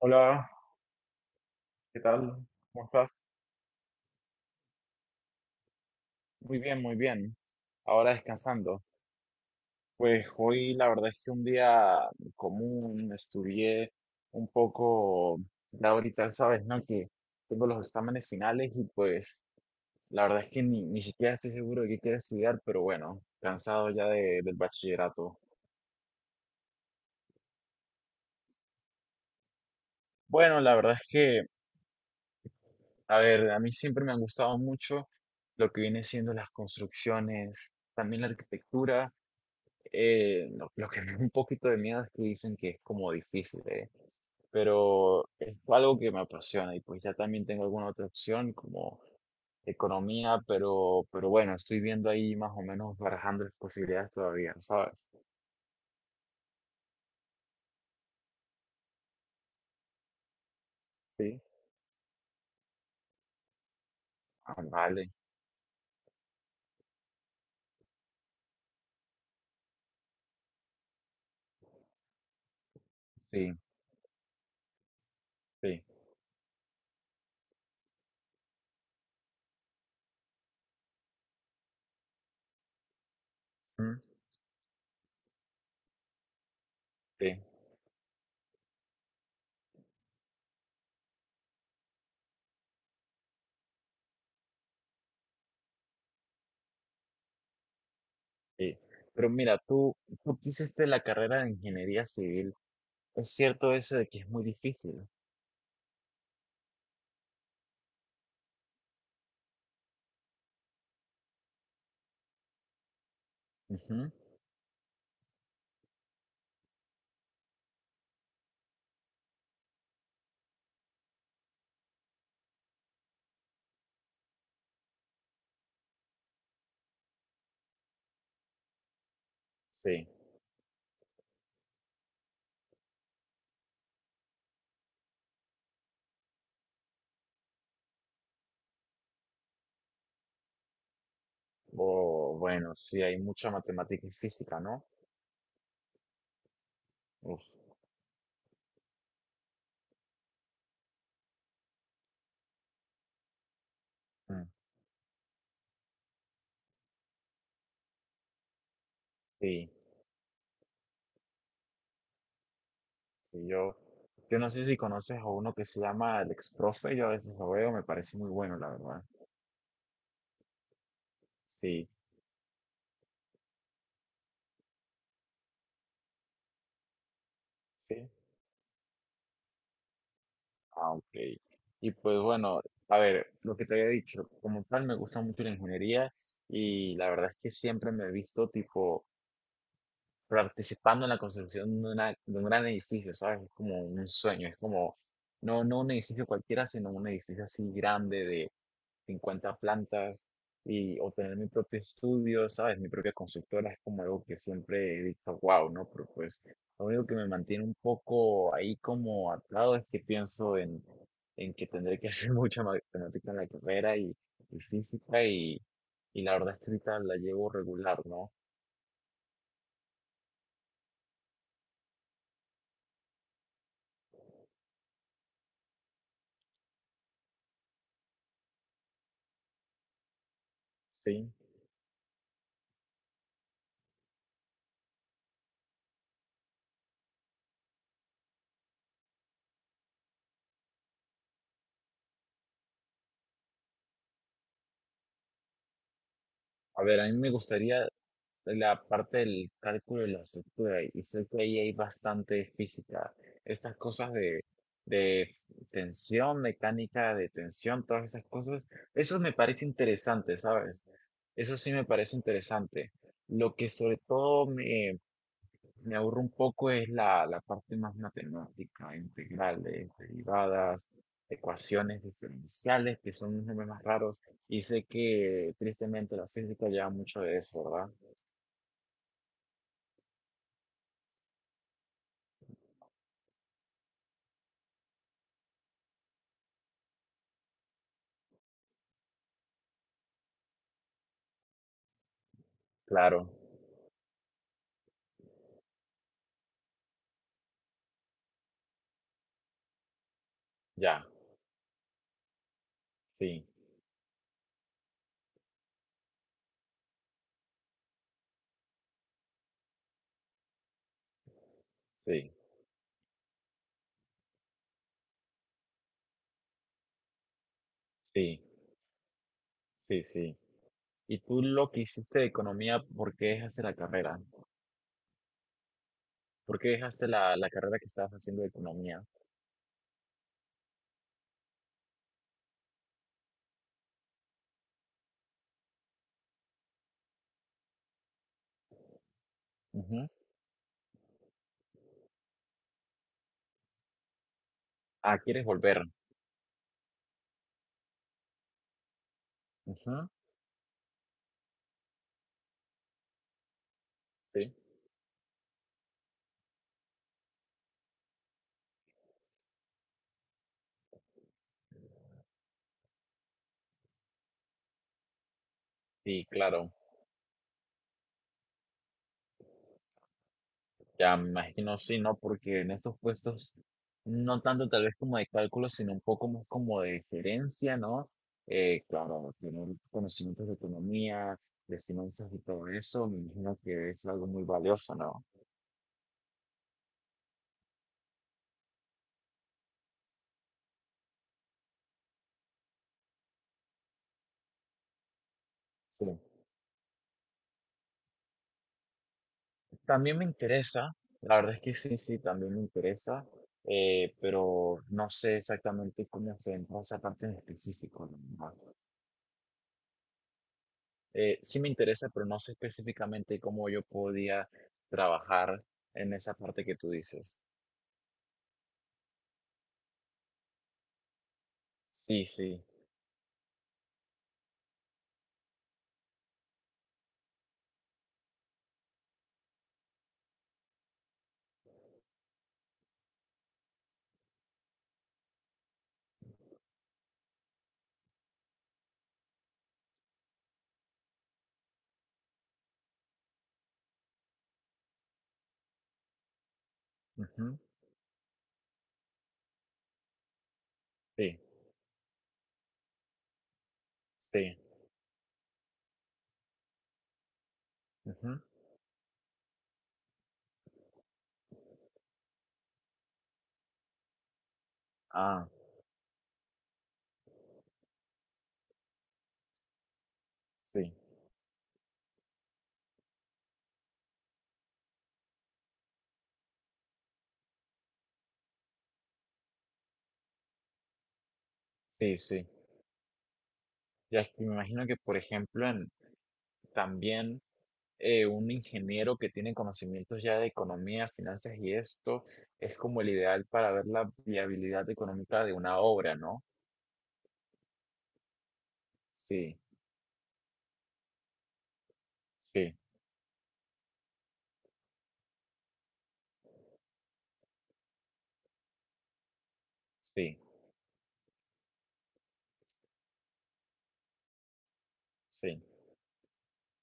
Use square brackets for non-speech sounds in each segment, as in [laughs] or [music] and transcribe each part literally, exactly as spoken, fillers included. Hola, ¿qué tal? ¿Cómo estás? Muy bien, muy bien. Ahora descansando. Pues hoy la verdad es que un día común, estudié un poco, ya ahorita sabes, ¿no? Que tengo los exámenes finales y pues la verdad es que ni, ni siquiera estoy seguro de qué quiero estudiar, pero bueno, cansado ya de- del bachillerato. Bueno, la verdad es que, a ver, a mí siempre me han gustado mucho lo que viene siendo las construcciones, también la arquitectura. Eh, lo, lo que [laughs] me da un poquito de miedo es que dicen que es como difícil, ¿eh? Pero es algo que me apasiona y pues ya también tengo alguna otra opción como economía, pero, pero bueno, estoy viendo ahí más o menos barajando las posibilidades todavía, ¿sabes? Sí, ah, vale, sí, sí, mm, sí, sí. Pero mira, tú, tú que hiciste la carrera de ingeniería civil, es cierto eso de que es muy difícil. Ujú, sí, o bueno, sí, hay mucha matemática y física, ¿no? Uf. Mm, sí, sí, yo, yo no sé si conoces a uno que se llama el ex profe, yo a veces lo veo, me parece muy bueno, la verdad. Sí, sí. Ah, ok. Y pues bueno, a ver, lo que te había dicho, como tal me gusta mucho la ingeniería y la verdad es que siempre me he visto tipo participando en la construcción de, una, de un gran edificio, ¿sabes? Es como un sueño, es como, no, no un edificio cualquiera, sino un edificio así grande de cincuenta plantas y o tener mi propio estudio, ¿sabes? Mi propia constructora es como algo que siempre he dicho, wow, ¿no? Pero pues lo único que me mantiene un poco ahí como atado es que pienso en, en que tendré que hacer [laughs] mucha matemática en la carrera y, y física y, y la verdad es que ahorita la llevo regular, ¿no? Sí. A ver, a mí me gustaría la parte del cálculo y la estructura, y sé que ahí hay bastante física. Estas cosas de, de tensión, mecánica de tensión, todas esas cosas, eso me parece interesante, ¿sabes? Eso sí me parece interesante. Lo que sobre todo me, me aburre un poco es la, la parte más matemática, integrales, derivadas, ecuaciones diferenciales, que son unos nombres más raros. Y sé que tristemente la física lleva mucho de eso, ¿verdad? Claro. Ya, sí, sí, sí, sí, sí. ¿Y tú lo que hiciste de economía, por qué dejaste la carrera? ¿Por qué dejaste la, la carrera que estabas haciendo de economía? Ujú. Ah, ¿quieres volver? Ujú, sí, sí, claro. Ya me imagino, sí, ¿no? Porque en estos puestos, no tanto tal vez como de cálculo, sino un poco más como de gerencia, ¿no? Eh, claro, tener conocimientos de economía, de finanzas y todo eso, me imagino que es algo muy valioso, ¿no? Sí. También me interesa, la verdad es que sí, sí, también me interesa, eh, pero no sé exactamente cómo se entra esa parte en específico. La verdad. Eh, sí me interesa, pero no sé específicamente cómo yo podía trabajar en esa parte que tú dices. Sí, sí, ujú, sí, sí, ujú, ah, sí, sí, sí. Ya es que me imagino que, por ejemplo, en, también eh, un ingeniero que tiene conocimientos ya de economía, finanzas y esto es como el ideal para ver la viabilidad económica de una obra, ¿no? Sí, sí, sí, sí.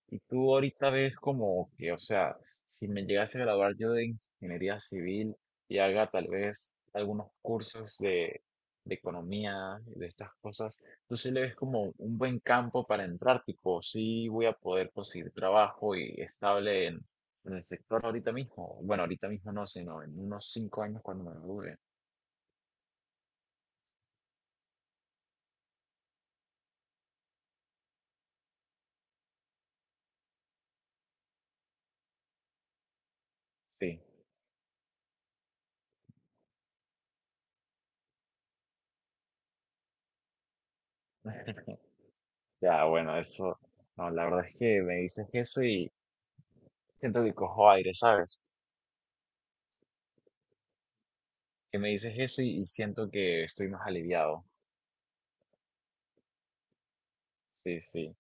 Y tú ahorita ves como que, o sea, si me llegase a graduar yo de ingeniería civil y haga tal vez algunos cursos de, de economía, de estas cosas, tú sí le ves como un buen campo para entrar, tipo, sí voy a poder conseguir trabajo y estable en, en el sector ahorita mismo. Bueno, ahorita mismo no, sino en unos cinco años cuando me gradúe. Sí, ya, bueno, eso, no, la verdad es que me dices eso y siento que cojo aire, ¿sabes? Que me dices eso y, y siento que estoy más aliviado. Sí, sí,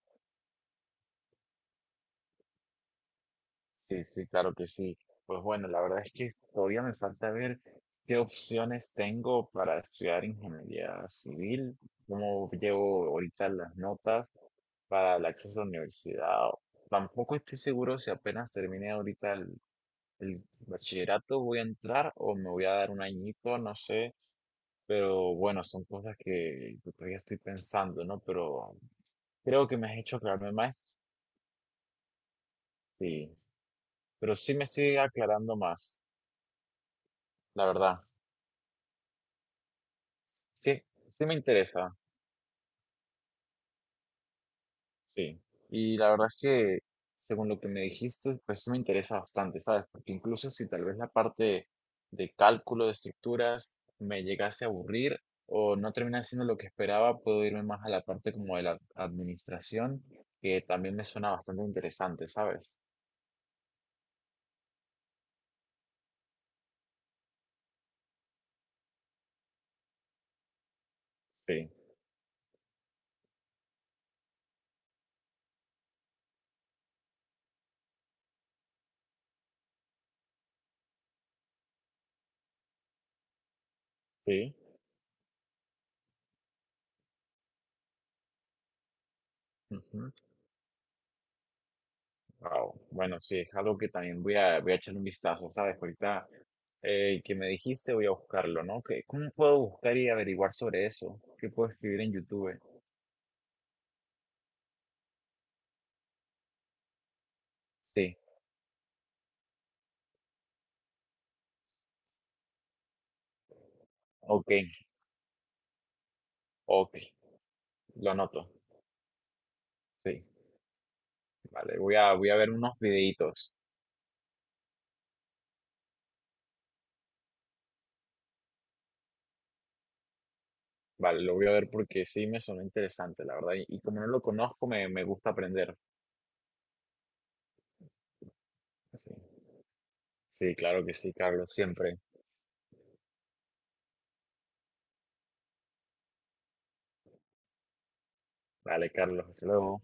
sí, sí, claro que sí. Pues bueno, la verdad es que todavía me falta ver qué opciones tengo para estudiar ingeniería civil, cómo llevo ahorita las notas para el acceso a la universidad. Tampoco estoy seguro si apenas termine ahorita el, el bachillerato voy a entrar o me voy a dar un añito, no sé, pero bueno, son cosas que que todavía estoy pensando, ¿no? Pero creo que me has hecho aclararme más. Sí, pero sí me estoy aclarando más, la verdad. Que sí me interesa, sí. Y la verdad es que, según lo que me dijiste, pues sí me interesa bastante, ¿sabes? Porque incluso si tal vez la parte de cálculo de estructuras me llegase a aburrir o no termina siendo lo que esperaba, puedo irme más a la parte como de la administración, que también me suena bastante interesante, ¿sabes? Sí, sí. Wow. Bueno, sí, es algo que también voy a, voy a echar un vistazo, ¿sabes? Ahorita eh, que me dijiste, voy a buscarlo, ¿no? ¿Qué- ¿Cómo puedo buscar y averiguar sobre eso? ¿Qué puedo escribir en YouTube? Sí, ok, ok, lo anoto. Sí, vale, voy a, voy a ver unos videitos. Vale, lo voy a ver porque sí me sonó interesante, la verdad. Y, y como no lo conozco, me, me gusta aprender. Sí, sí, claro que sí, Carlos, siempre. Vale, Carlos, hasta luego.